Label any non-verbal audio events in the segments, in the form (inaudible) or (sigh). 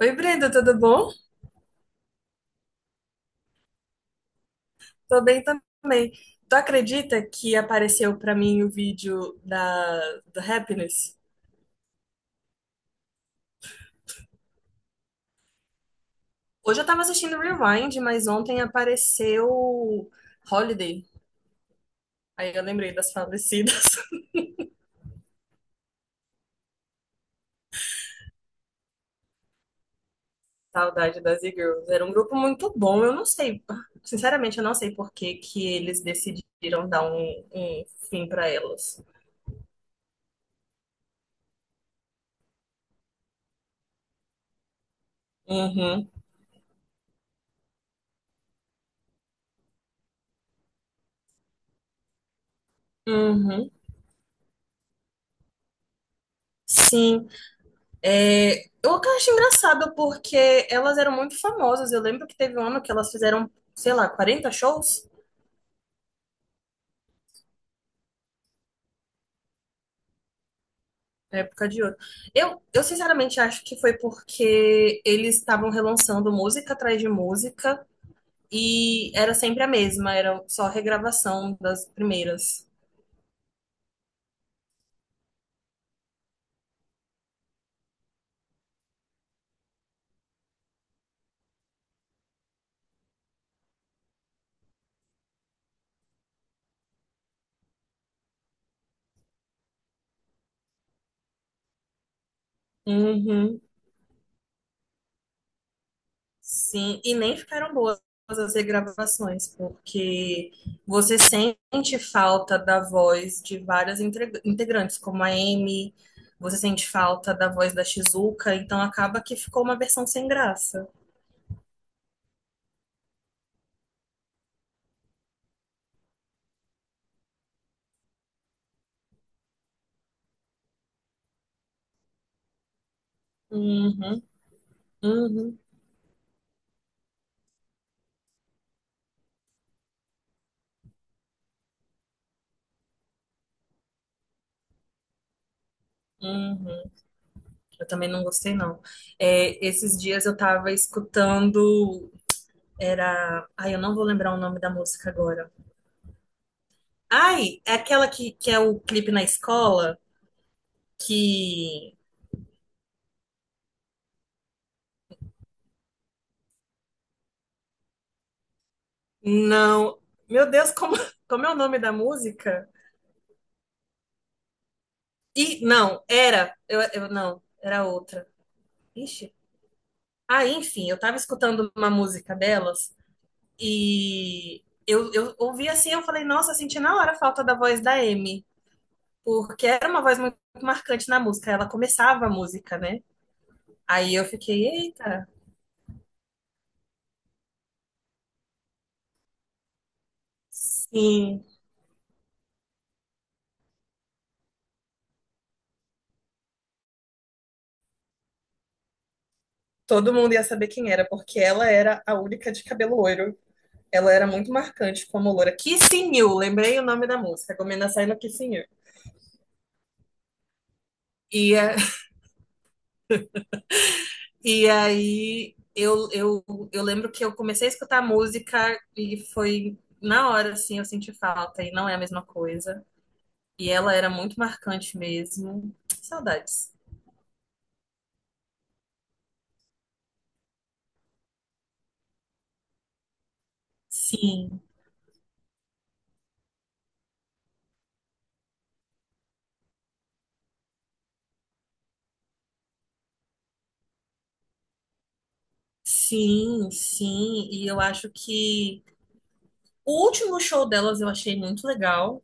Oi, Brenda, tudo bom? Tô bem também. Tu acredita que apareceu pra mim o vídeo da do Happiness? Hoje eu tava assistindo Rewind, mas ontem apareceu Holiday. Aí eu lembrei das falecidas. (laughs) Saudade das E-Girls. Era um grupo muito bom. Eu não sei, sinceramente, eu não sei por que que eles decidiram dar um fim pra elas. Uhum, uhum. Sim. É, eu acho engraçado porque elas eram muito famosas. Eu lembro que teve um ano que elas fizeram, sei lá, 40 shows na época de ouro. Eu sinceramente acho que foi porque eles estavam relançando música atrás de música e era sempre a mesma, era só regravação das primeiras. Uhum. Sim, e nem ficaram boas as regravações, porque você sente falta da voz de várias integrantes, como a Amy, você sente falta da voz da Shizuka, então acaba que ficou uma versão sem graça. Uhum, uhum, uhum. Eu também não gostei, não. É, esses dias eu tava escutando, era... Ai, eu não vou lembrar o nome da música agora. Ai, é aquela que é o clipe na escola, que... Não. Meu Deus, como, (laughs) como é o nome da música? E não, era. Eu não, era outra. Ixi. Ah, enfim, eu tava escutando uma música delas e eu ouvi assim, eu falei, nossa, senti na hora a falta da voz da Amy, porque era uma voz muito marcante na música. Ela começava a música, né? Aí eu fiquei, eita, sim. Todo mundo ia saber quem era, porque ela era a única de cabelo loiro. Ela era muito marcante como loura. Kissing You, lembrei o nome da música. Gomena saiu no Kissing You. E, e aí eu lembro que eu comecei a escutar música e foi na hora, assim, eu senti falta e não é a mesma coisa. E ela era muito marcante mesmo. Saudades. Sim, sim, sim. E eu acho que o último show delas eu achei muito legal.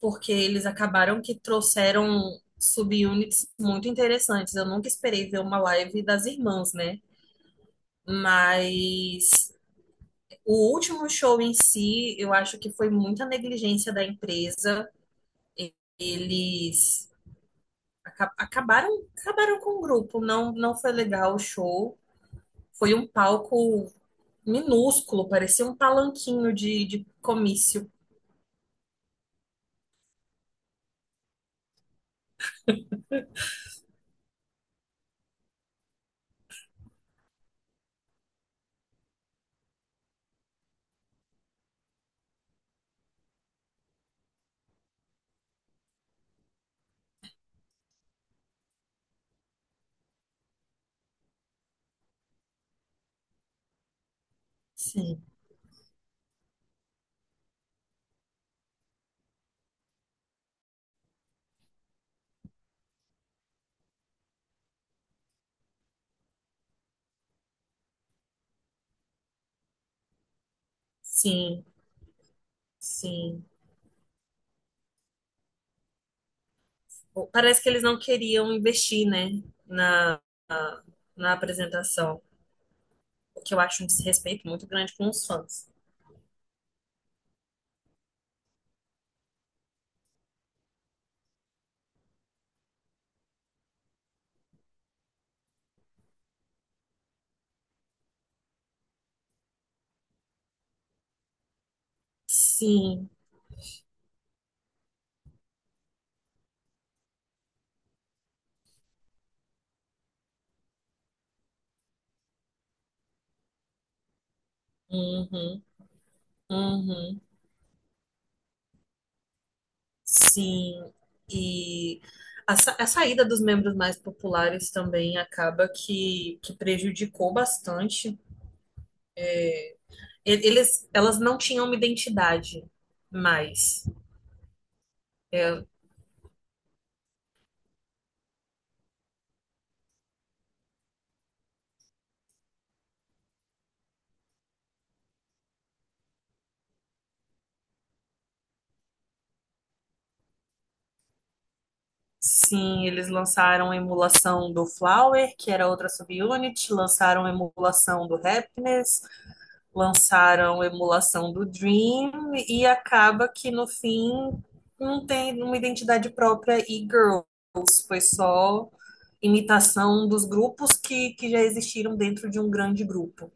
Porque eles acabaram que trouxeram subunits muito interessantes. Eu nunca esperei ver uma live das irmãs, né? Mas o último show em si, eu acho que foi muita negligência da empresa. Eles aca- acabaram, acabaram com o grupo, não, não foi legal o show. Foi um palco minúsculo, parecia um palanquinho de comício. Sim, sim, sim. Parece que eles não queriam investir, né, na, na apresentação, o que eu acho um desrespeito muito grande com os fãs. Sim, uhum, uhum, sim. E a saída dos membros mais populares também acaba que prejudicou bastante. Elas não tinham uma identidade mais. É, sim, eles lançaram a emulação do Flower, que era outra subunit, lançaram a emulação do Happiness, lançaram a emulação do Dream, e acaba que no fim não tem uma identidade própria e Girls, foi só imitação dos grupos que já existiram dentro de um grande grupo.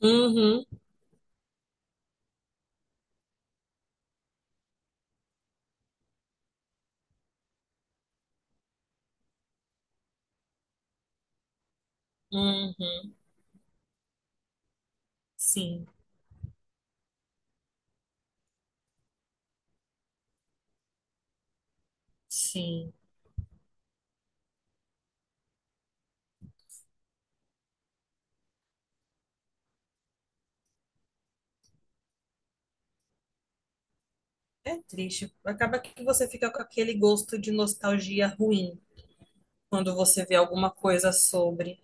Uhum, uhum, sim, sim. É triste. Acaba que você fica com aquele gosto de nostalgia ruim quando você vê alguma coisa sobre.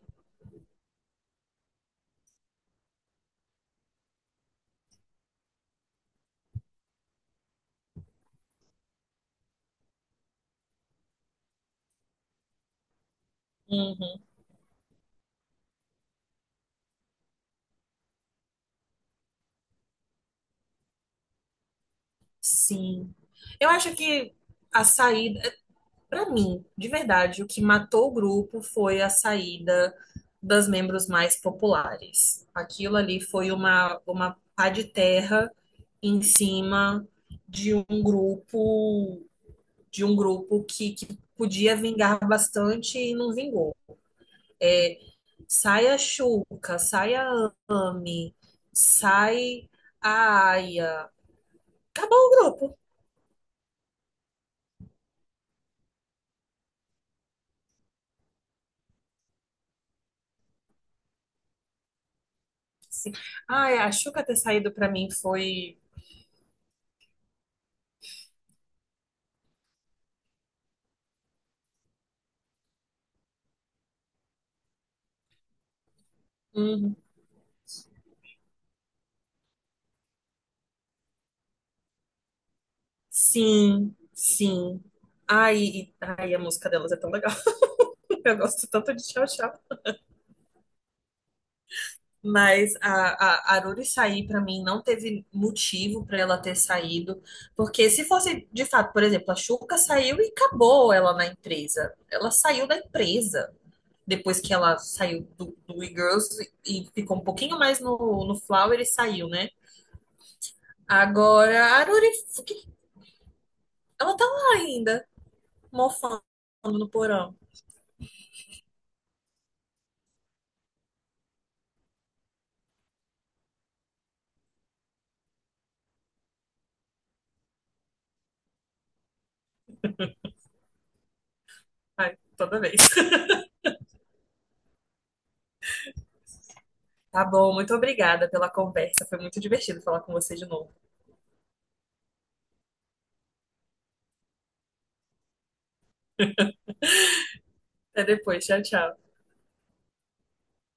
Uhum. Sim. Eu acho que a saída, pra mim, de verdade, o que matou o grupo foi a saída das membros mais populares. Aquilo ali foi uma pá de terra em cima de um grupo, de um grupo que podia vingar bastante e não vingou. Sai a Xuca, sai a Ami, sai a Aya, acabou o grupo. Sim. Ai, a Xuca ter saído pra mim foi. Uhum. Sim, sim. Ai, a música delas é tão legal. (laughs) Eu gosto tanto de Tchau Tchau. Mas a Aruri sair pra mim não teve motivo pra ela ter saído. Porque se fosse, de fato, por exemplo, a Xuca saiu e acabou ela na empresa. Ela saiu da empresa. Depois que ela saiu do E-Girls e ficou um pouquinho mais no, no Flower e saiu, né? Agora, a Aruri, o que... Ela tá lá ainda, mofando no porão. Ai, toda vez. (laughs) Tá bom, muito obrigada pela conversa. Foi muito divertido falar com você de novo. Até depois, tchau, tchau.